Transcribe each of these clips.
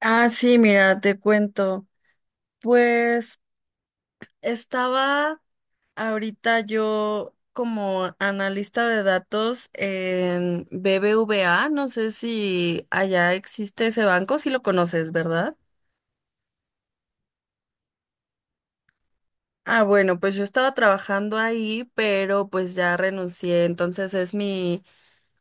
Ah, sí, mira, te cuento. Pues estaba ahorita yo como analista de datos en BBVA. No sé si allá existe ese banco, si lo conoces, ¿verdad? Ah, bueno, pues yo estaba trabajando ahí, pero pues ya renuncié, entonces es mi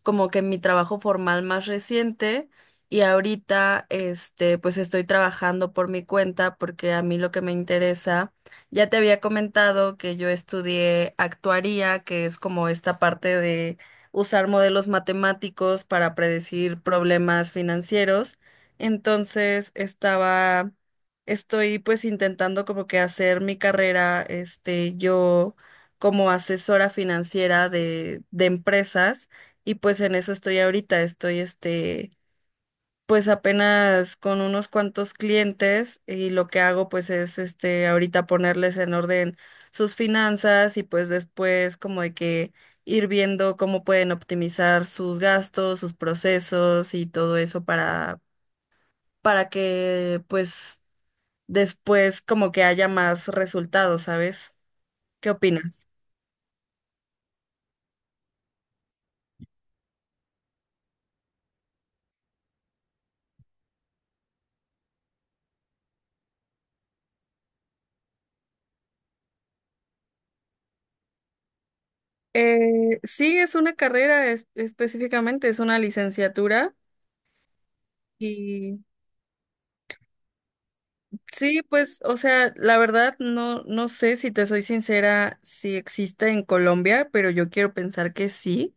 como que mi trabajo formal más reciente. Y ahorita pues estoy trabajando por mi cuenta porque a mí lo que me interesa, ya te había comentado que yo estudié actuaría, que es como esta parte de usar modelos matemáticos para predecir problemas financieros. Entonces, estaba estoy pues intentando como que hacer mi carrera yo como asesora financiera de empresas. Y pues en eso estoy ahorita, pues apenas con unos cuantos clientes. Y lo que hago pues es ahorita ponerles en orden sus finanzas y pues después como de que ir viendo cómo pueden optimizar sus gastos, sus procesos y todo eso para, que pues después como que haya más resultados, ¿sabes? ¿Qué opinas? Sí, es una carrera específicamente, es una licenciatura. y Sí, pues, o sea, la verdad no sé si te soy sincera si existe en Colombia, pero yo quiero pensar que sí,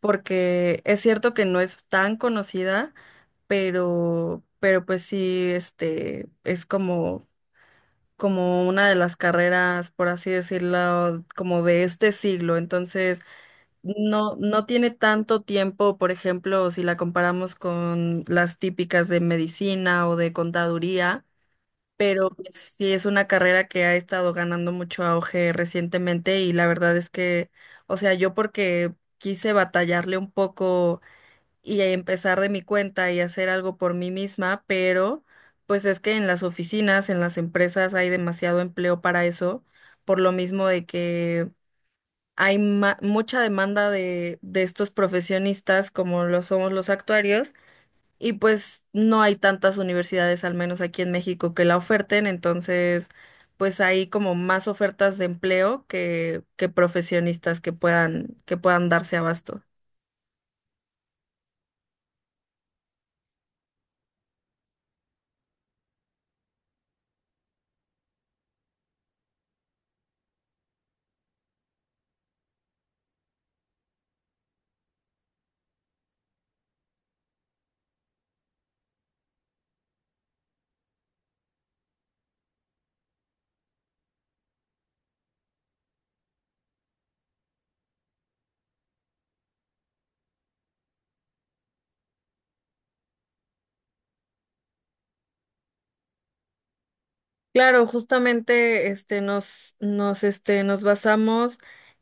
porque es cierto que no es tan conocida, pero pues sí, es como una de las carreras, por así decirlo, como de este siglo. Entonces, no, no tiene tanto tiempo, por ejemplo, si la comparamos con las típicas de medicina o de contaduría, pero pues, sí es una carrera que ha estado ganando mucho auge recientemente. Y la verdad es que, o sea, yo porque quise batallarle un poco y empezar de mi cuenta y hacer algo por mí misma, pero pues es que en las oficinas, en las empresas hay demasiado empleo para eso, por lo mismo de que hay mucha demanda de, estos profesionistas como lo somos los actuarios. Y pues no hay tantas universidades, al menos aquí en México, que la oferten, entonces pues hay como más ofertas de empleo que profesionistas que puedan darse abasto. Claro, justamente nos basamos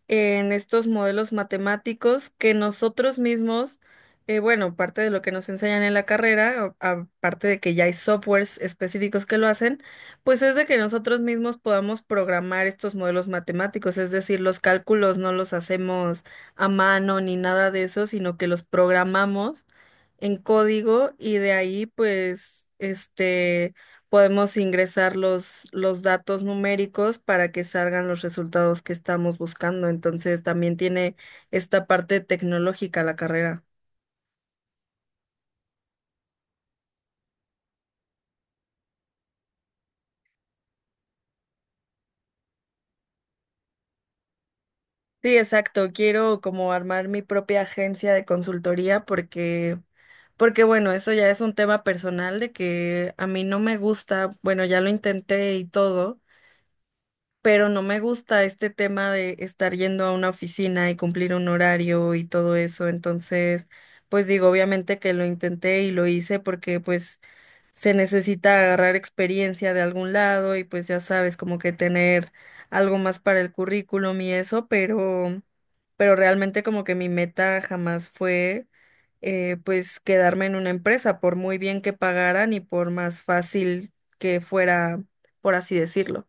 en estos modelos matemáticos que nosotros mismos, bueno, parte de lo que nos enseñan en la carrera, aparte de que ya hay softwares específicos que lo hacen, pues es de que nosotros mismos podamos programar estos modelos matemáticos, es decir, los cálculos no los hacemos a mano ni nada de eso, sino que los programamos en código y de ahí pues podemos ingresar los, datos numéricos para que salgan los resultados que estamos buscando. Entonces, también tiene esta parte tecnológica la carrera. Sí, exacto. Quiero como armar mi propia agencia de consultoría porque bueno, eso ya es un tema personal de que a mí no me gusta, bueno, ya lo intenté y todo, pero no me gusta este tema de estar yendo a una oficina y cumplir un horario y todo eso. Entonces, pues digo, obviamente que lo intenté y lo hice porque pues se necesita agarrar experiencia de algún lado y pues ya sabes, como que tener algo más para el currículum y eso, pero realmente como que mi meta jamás fue pues quedarme en una empresa, por muy bien que pagaran y por más fácil que fuera, por así decirlo.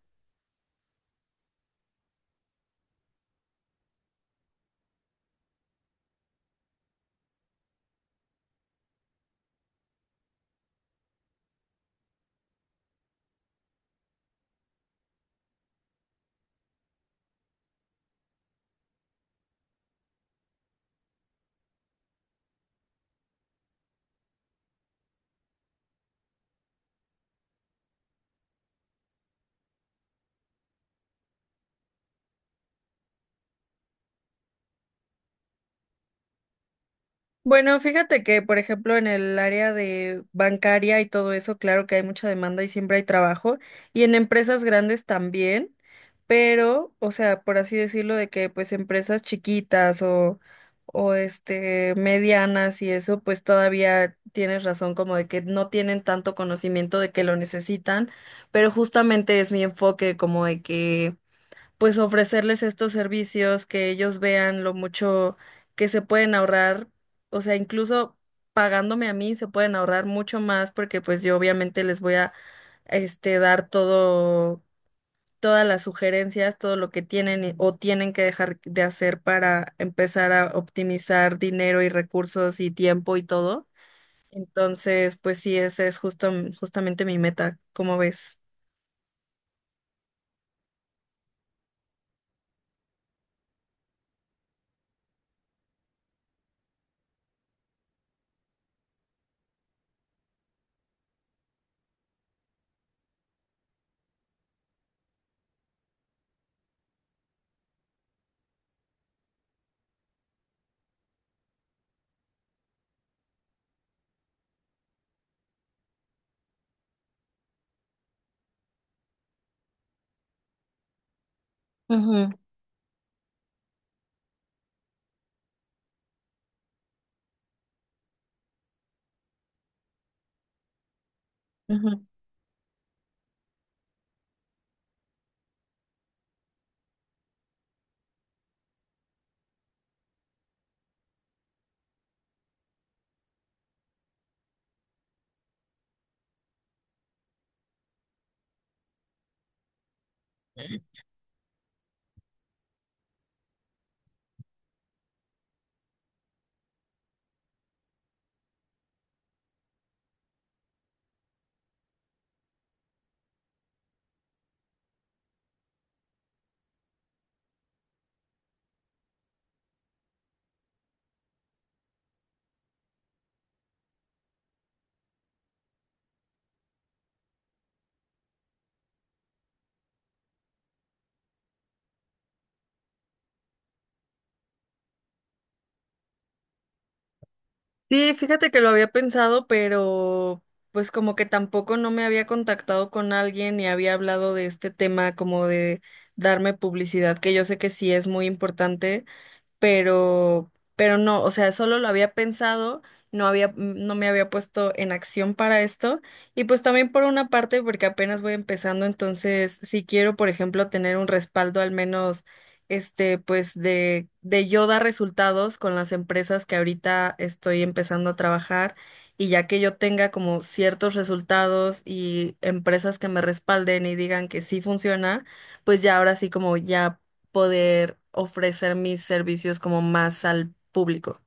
Bueno, fíjate que, por ejemplo, en el área de bancaria y todo eso, claro que hay mucha demanda y siempre hay trabajo, y en empresas grandes también, pero, o sea, por así decirlo, de que pues empresas chiquitas o medianas y eso, pues todavía tienes razón como de que no tienen tanto conocimiento de que lo necesitan, pero justamente es mi enfoque como de que pues ofrecerles estos servicios, que ellos vean lo mucho que se pueden ahorrar, o sea, incluso pagándome a mí se pueden ahorrar mucho más porque pues yo obviamente les voy a dar todo todas las sugerencias, todo lo que tienen o tienen que dejar de hacer para empezar a optimizar dinero y recursos y tiempo y todo. Entonces, pues sí, esa es justo justamente mi meta, ¿cómo ves? Ujú. Ujú. Sí, fíjate que lo había pensado, pero pues como que tampoco no me había contactado con alguien ni había hablado de este tema como de darme publicidad, que yo sé que sí es muy importante, pero, pero no, o sea, solo lo había pensado, no me había puesto en acción para esto, y pues también por una parte, porque apenas voy empezando, entonces, si quiero, por ejemplo, tener un respaldo al menos, pues de, yo dar resultados con las empresas que ahorita estoy empezando a trabajar, y ya que yo tenga como ciertos resultados y empresas que me respalden y digan que sí funciona, pues ya ahora sí como ya poder ofrecer mis servicios como más al público.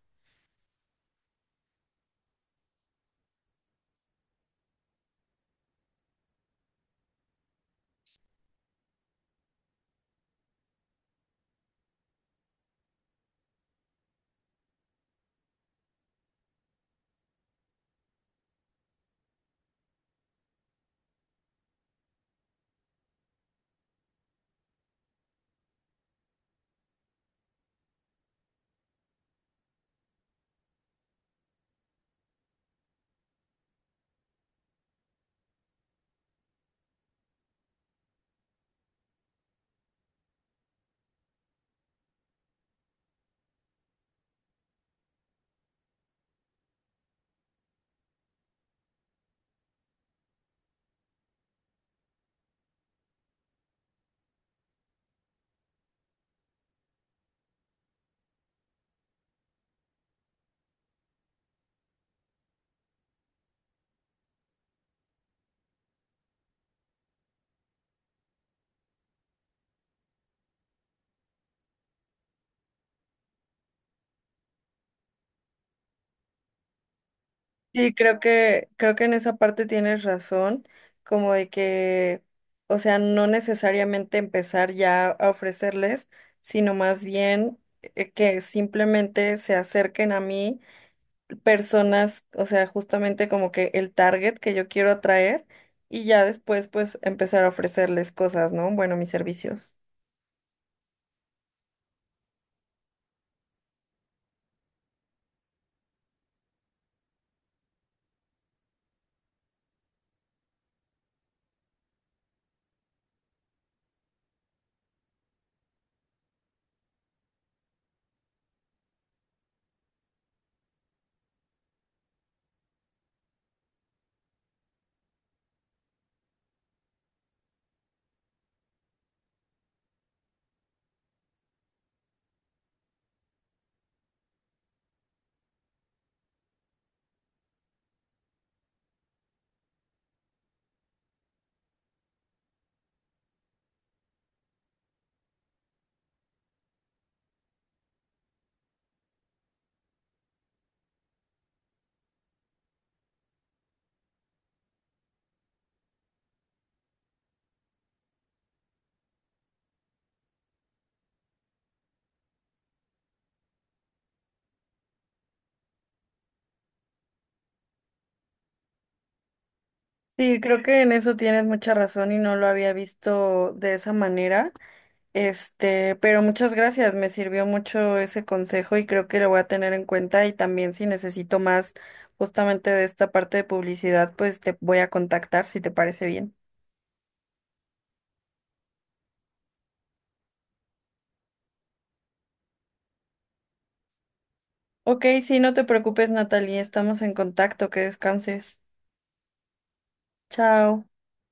Sí, creo que en esa parte tienes razón, como de que, o sea, no necesariamente empezar ya a ofrecerles, sino más bien que simplemente se acerquen a mí personas, o sea, justamente como que el target que yo quiero atraer y ya después pues empezar a ofrecerles cosas, ¿no? Bueno, mis servicios. Sí, creo que en eso tienes mucha razón y no lo había visto de esa manera. Pero muchas gracias, me sirvió mucho ese consejo y creo que lo voy a tener en cuenta y también si necesito más justamente de esta parte de publicidad, pues te voy a contactar si te parece bien. Ok, sí, no te preocupes, Natalie, estamos en contacto, que descanses. Chao.